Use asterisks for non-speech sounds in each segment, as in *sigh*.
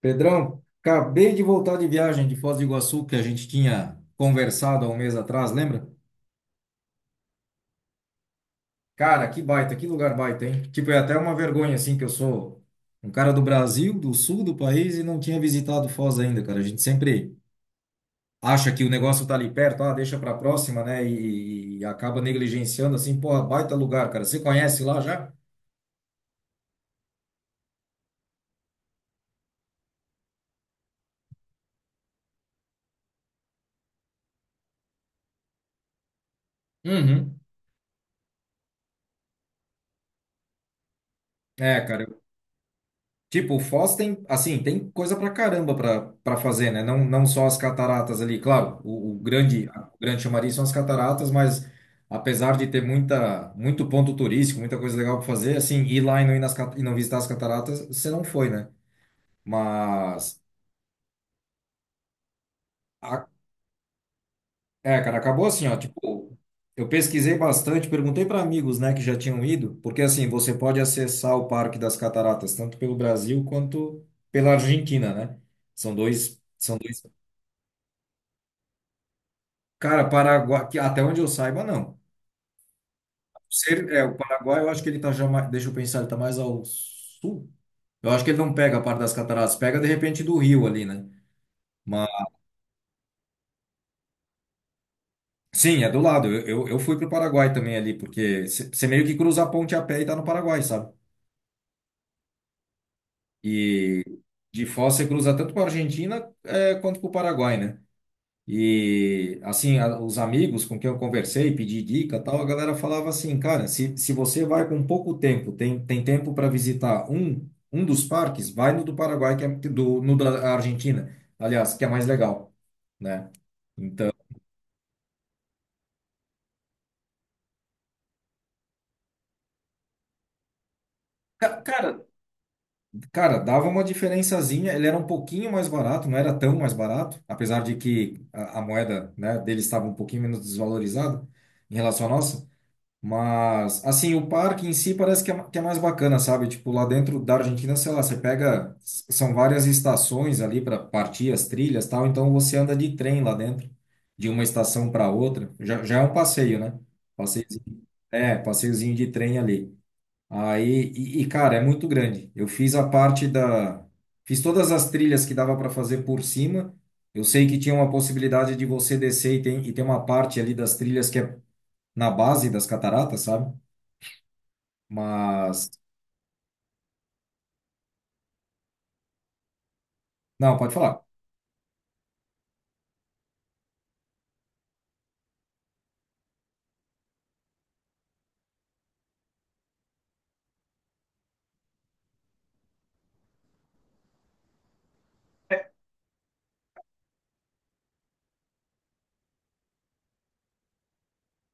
Pedrão, acabei de voltar de viagem de Foz do Iguaçu que a gente tinha conversado há um mês atrás, lembra? Cara, que baita, que lugar baita, hein? Tipo, é até uma vergonha, assim, que eu sou um cara do Brasil, do sul do país e não tinha visitado Foz ainda, cara. A gente sempre acha que o negócio tá ali perto, ah, deixa pra próxima, né? E acaba negligenciando, assim, porra, baita lugar, cara. Você conhece lá já? Uhum. É, cara. Tipo, o Foz tem, assim, tem coisa pra caramba pra, fazer, né? Não só as cataratas ali, claro, o grande, grande chamariz são as cataratas, mas apesar de ter muita, muito ponto turístico, muita coisa legal pra fazer, assim, ir lá e não ir nas, e não visitar as cataratas, você não foi, né? Mas, a- é, cara, acabou assim, ó, tipo, eu pesquisei bastante, perguntei pra amigos, né, que já tinham ido, porque, assim, você pode acessar o Parque das Cataratas, tanto pelo Brasil quanto pela Argentina, né? São dois... São dois. Cara, Paraguai, que até onde eu saiba, não. Ser, é, o Paraguai, eu acho que ele tá já mais, deixa eu pensar, ele tá mais ao sul. Eu acho que ele não pega a parte das cataratas, pega de repente do rio ali, né? Mas, sim, é do lado. Eu fui pro Paraguai também ali, porque você meio que cruza a ponte a pé e tá no Paraguai, sabe? E de Foz você cruza tanto para Argentina quanto para o Paraguai, né? E assim, os amigos com quem eu conversei, pedi dica, e tal, a galera falava assim, cara, se você vai com pouco tempo, tem tempo para visitar um, um dos parques, vai no do Paraguai, que é do, no da Argentina, aliás, que é mais legal, né? Então, cara, cara, dava uma diferençazinha, ele era um pouquinho mais barato, não era tão mais barato, apesar de que a moeda, né, dele estava um pouquinho menos desvalorizada em relação à nossa. Mas, assim, o parque em si parece que é mais bacana, sabe? Tipo, lá dentro da Argentina, sei lá, você pega. São várias estações ali para partir as trilhas e tal, então você anda de trem lá dentro, de uma estação para outra. Já é um passeio, né? Passeiozinho, é, passeiozinho de trem ali. Aí, cara, é muito grande. Eu fiz a parte da. Fiz todas as trilhas que dava para fazer por cima. Eu sei que tinha uma possibilidade de você descer e tem uma parte ali das trilhas que é na base das cataratas, sabe? Mas. Não, pode falar.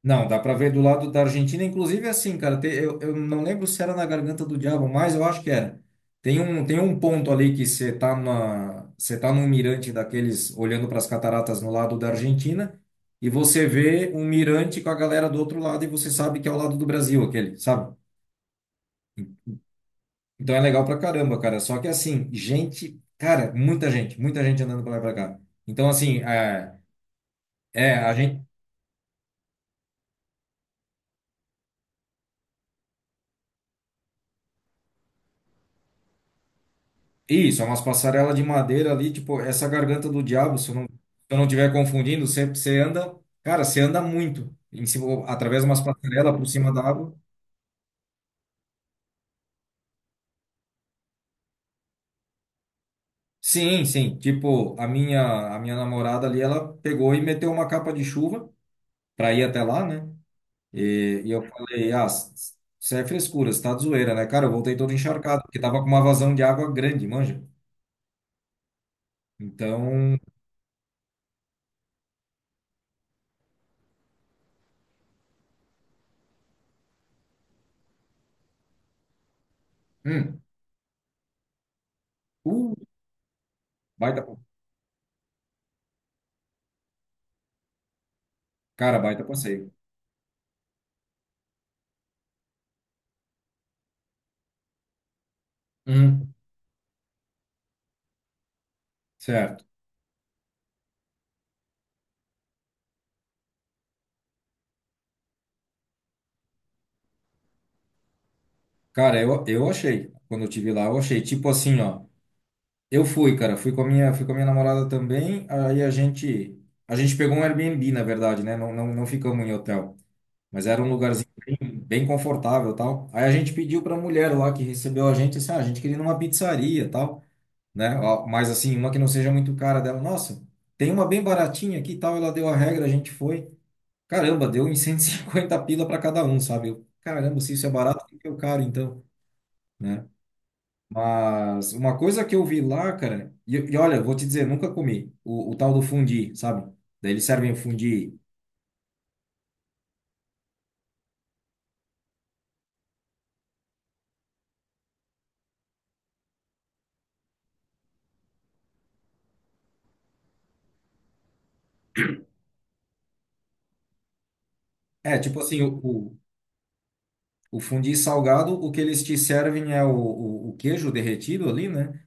Não, dá pra ver do lado da Argentina, inclusive assim, cara. Eu não lembro se era na Garganta do Diabo, mas eu acho que era. Tem um ponto ali que você tá num mirante daqueles olhando para as cataratas no lado da Argentina e você vê um mirante com a galera do outro lado e você sabe que é o lado do Brasil aquele, sabe? Então é legal pra caramba, cara. Só que assim, gente, cara, muita gente andando pra lá e pra cá. Então assim, a gente. Isso, é umas passarelas de madeira ali, tipo, essa garganta do diabo, se eu não estiver confundindo, você anda, cara, você anda muito, em cima, através de umas passarelas por cima da água. Sim, sim, tipo, a minha namorada ali, ela pegou e meteu uma capa de chuva pra ir até lá, né? E eu falei, ah, isso é frescura, você tá de zoeira, né? Cara, eu voltei todo encharcado, porque tava com uma vazão de água grande, manja. Então, hum, uh, baita, cara, baita passeio. Hum, certo. Cara, eu achei. Quando eu tive lá, eu achei. Tipo assim, ó. Eu fui, cara. Fui com a minha namorada também. Aí a gente pegou um Airbnb, na verdade, né? Não não, ficamos em hotel. Mas era um lugarzinho bem confortável, e tal. Aí a gente pediu pra mulher lá que recebeu a gente, assim, ah, a gente queria ir numa pizzaria, e tal, né? Ó, mas assim, uma que não seja muito cara dela. Nossa, tem uma bem baratinha aqui, e tal. Ela deu a regra, a gente foi. Caramba, deu em 150 pila pra cada um, sabe? Eu, caramba, se isso é barato, o que que é o caro, então? Né? Mas uma coisa que eu vi lá, cara, e olha, vou te dizer, nunca comi o tal do fundi, sabe? Daí eles servem o fundi. É, tipo assim, o fundi salgado, o que eles te servem é o queijo derretido ali, né?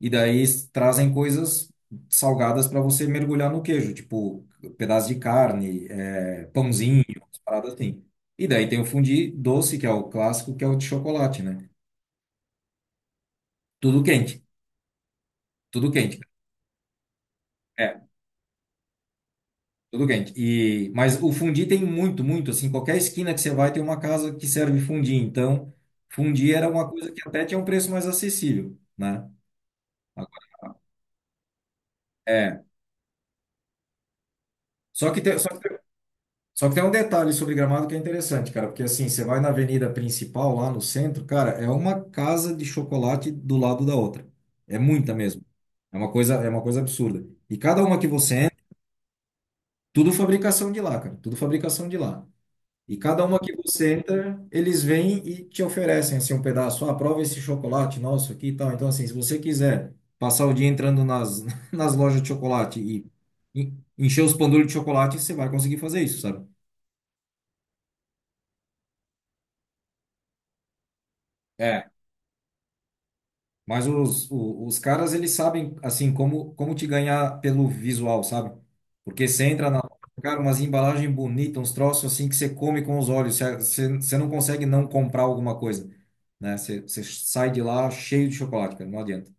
E daí trazem coisas salgadas para você mergulhar no queijo, tipo pedaço de carne, é, pãozinho, umas paradas assim. E daí tem o fundi doce, que é o clássico, que é o de chocolate, né? Tudo quente, tudo quente. É, tudo quente. E, mas o fundi tem muito, muito, assim, qualquer esquina que você vai tem uma casa que serve fundi. Então, fundi era uma coisa que até tinha um preço mais acessível, né? É. Só que tem, só que, só que tem um detalhe sobre Gramado que é interessante, cara, porque assim, você vai na avenida principal, lá no centro, cara, é uma casa de chocolate do lado da outra. É muita mesmo. É uma coisa absurda. E cada uma que você entra, tudo fabricação de lá, cara, tudo fabricação de lá. E cada uma que você entra, eles vêm e te oferecem assim um pedaço. Ah, prova esse chocolate nosso aqui e tal. Então, assim, se você quiser passar o dia entrando nas, *laughs* nas lojas de chocolate e encher os pandulhos de chocolate, você vai conseguir fazer isso, sabe? Mas os caras, eles sabem, assim, como, como te ganhar pelo visual, sabe? Porque você entra na. Cara, umas embalagens bonitas, uns troços assim que você come com os olhos. Você não consegue não comprar alguma coisa, né? Você sai de lá cheio de chocolate, cara. Não adianta.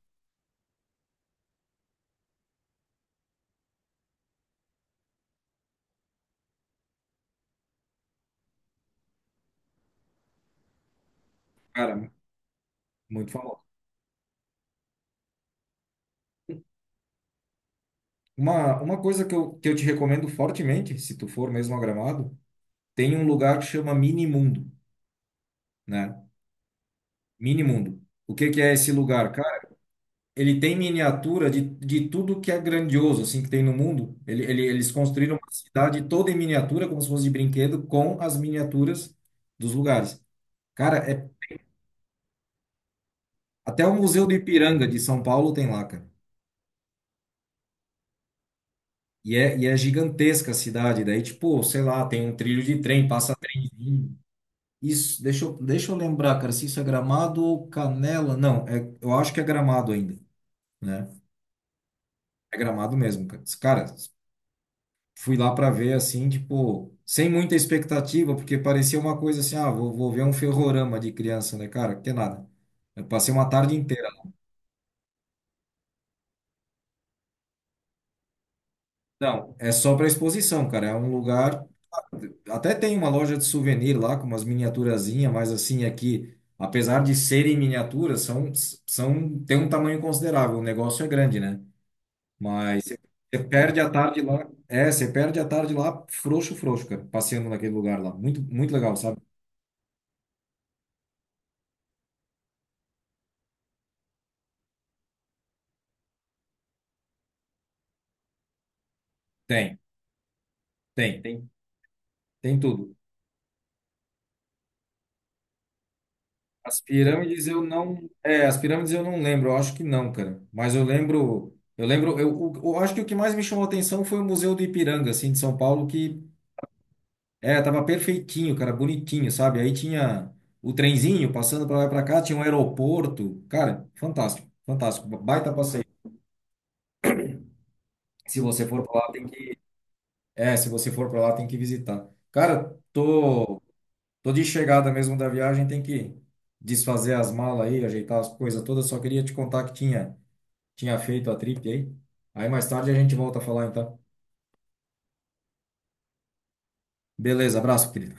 Cara, muito famoso. Uma coisa que eu te recomendo fortemente, se tu for mesmo a Gramado, tem um lugar que chama Mini Mundo, né? Mini Mundo. O que que é esse lugar? Cara, ele tem miniatura de tudo que é grandioso, assim, que tem no mundo. Eles construíram uma cidade toda em miniatura, como se fosse de brinquedo, com as miniaturas dos lugares. Cara, é, até o Museu do Ipiranga de São Paulo tem lá, cara. E é gigantesca a cidade. Daí, tipo, sei lá, tem um trilho de trem, passa trenzinho. Isso, deixa eu lembrar, cara, se isso é Gramado ou Canela. Não, é, eu acho que é Gramado ainda, né? É Gramado mesmo, cara. Cara, fui lá para ver assim, tipo, sem muita expectativa, porque parecia uma coisa assim, ah, vou ver um ferrorama de criança, né, cara? Que nada. Eu passei uma tarde inteira. Não, é só para exposição, cara. É um lugar. Até tem uma loja de souvenir lá com umas miniaturazinhas, mas assim, aqui, apesar de serem miniaturas, tem um tamanho considerável. O negócio é grande, né? Mas você perde a tarde lá. É, você perde a tarde lá, frouxo, frouxo, cara, passeando naquele lugar lá. Muito, muito legal, sabe? Tem, tem. Tem. Tem tudo. As pirâmides eu não, é, as pirâmides eu não lembro, eu acho que não, cara. Mas eu acho que o que mais me chamou a atenção foi o Museu do Ipiranga, assim, de São Paulo, que é, tava perfeitinho, cara, bonitinho, sabe? Aí tinha o trenzinho passando para lá e para cá, tinha um aeroporto. Cara, fantástico, fantástico, baita passeio. Se você for para lá, tem que, é, se você for para lá, tem que visitar. Cara, tô de chegada mesmo da viagem, tem que desfazer as malas aí, ajeitar as coisas todas. Só queria te contar que tinha feito a trip aí. Aí mais tarde a gente volta a falar, então. Beleza, abraço, querido.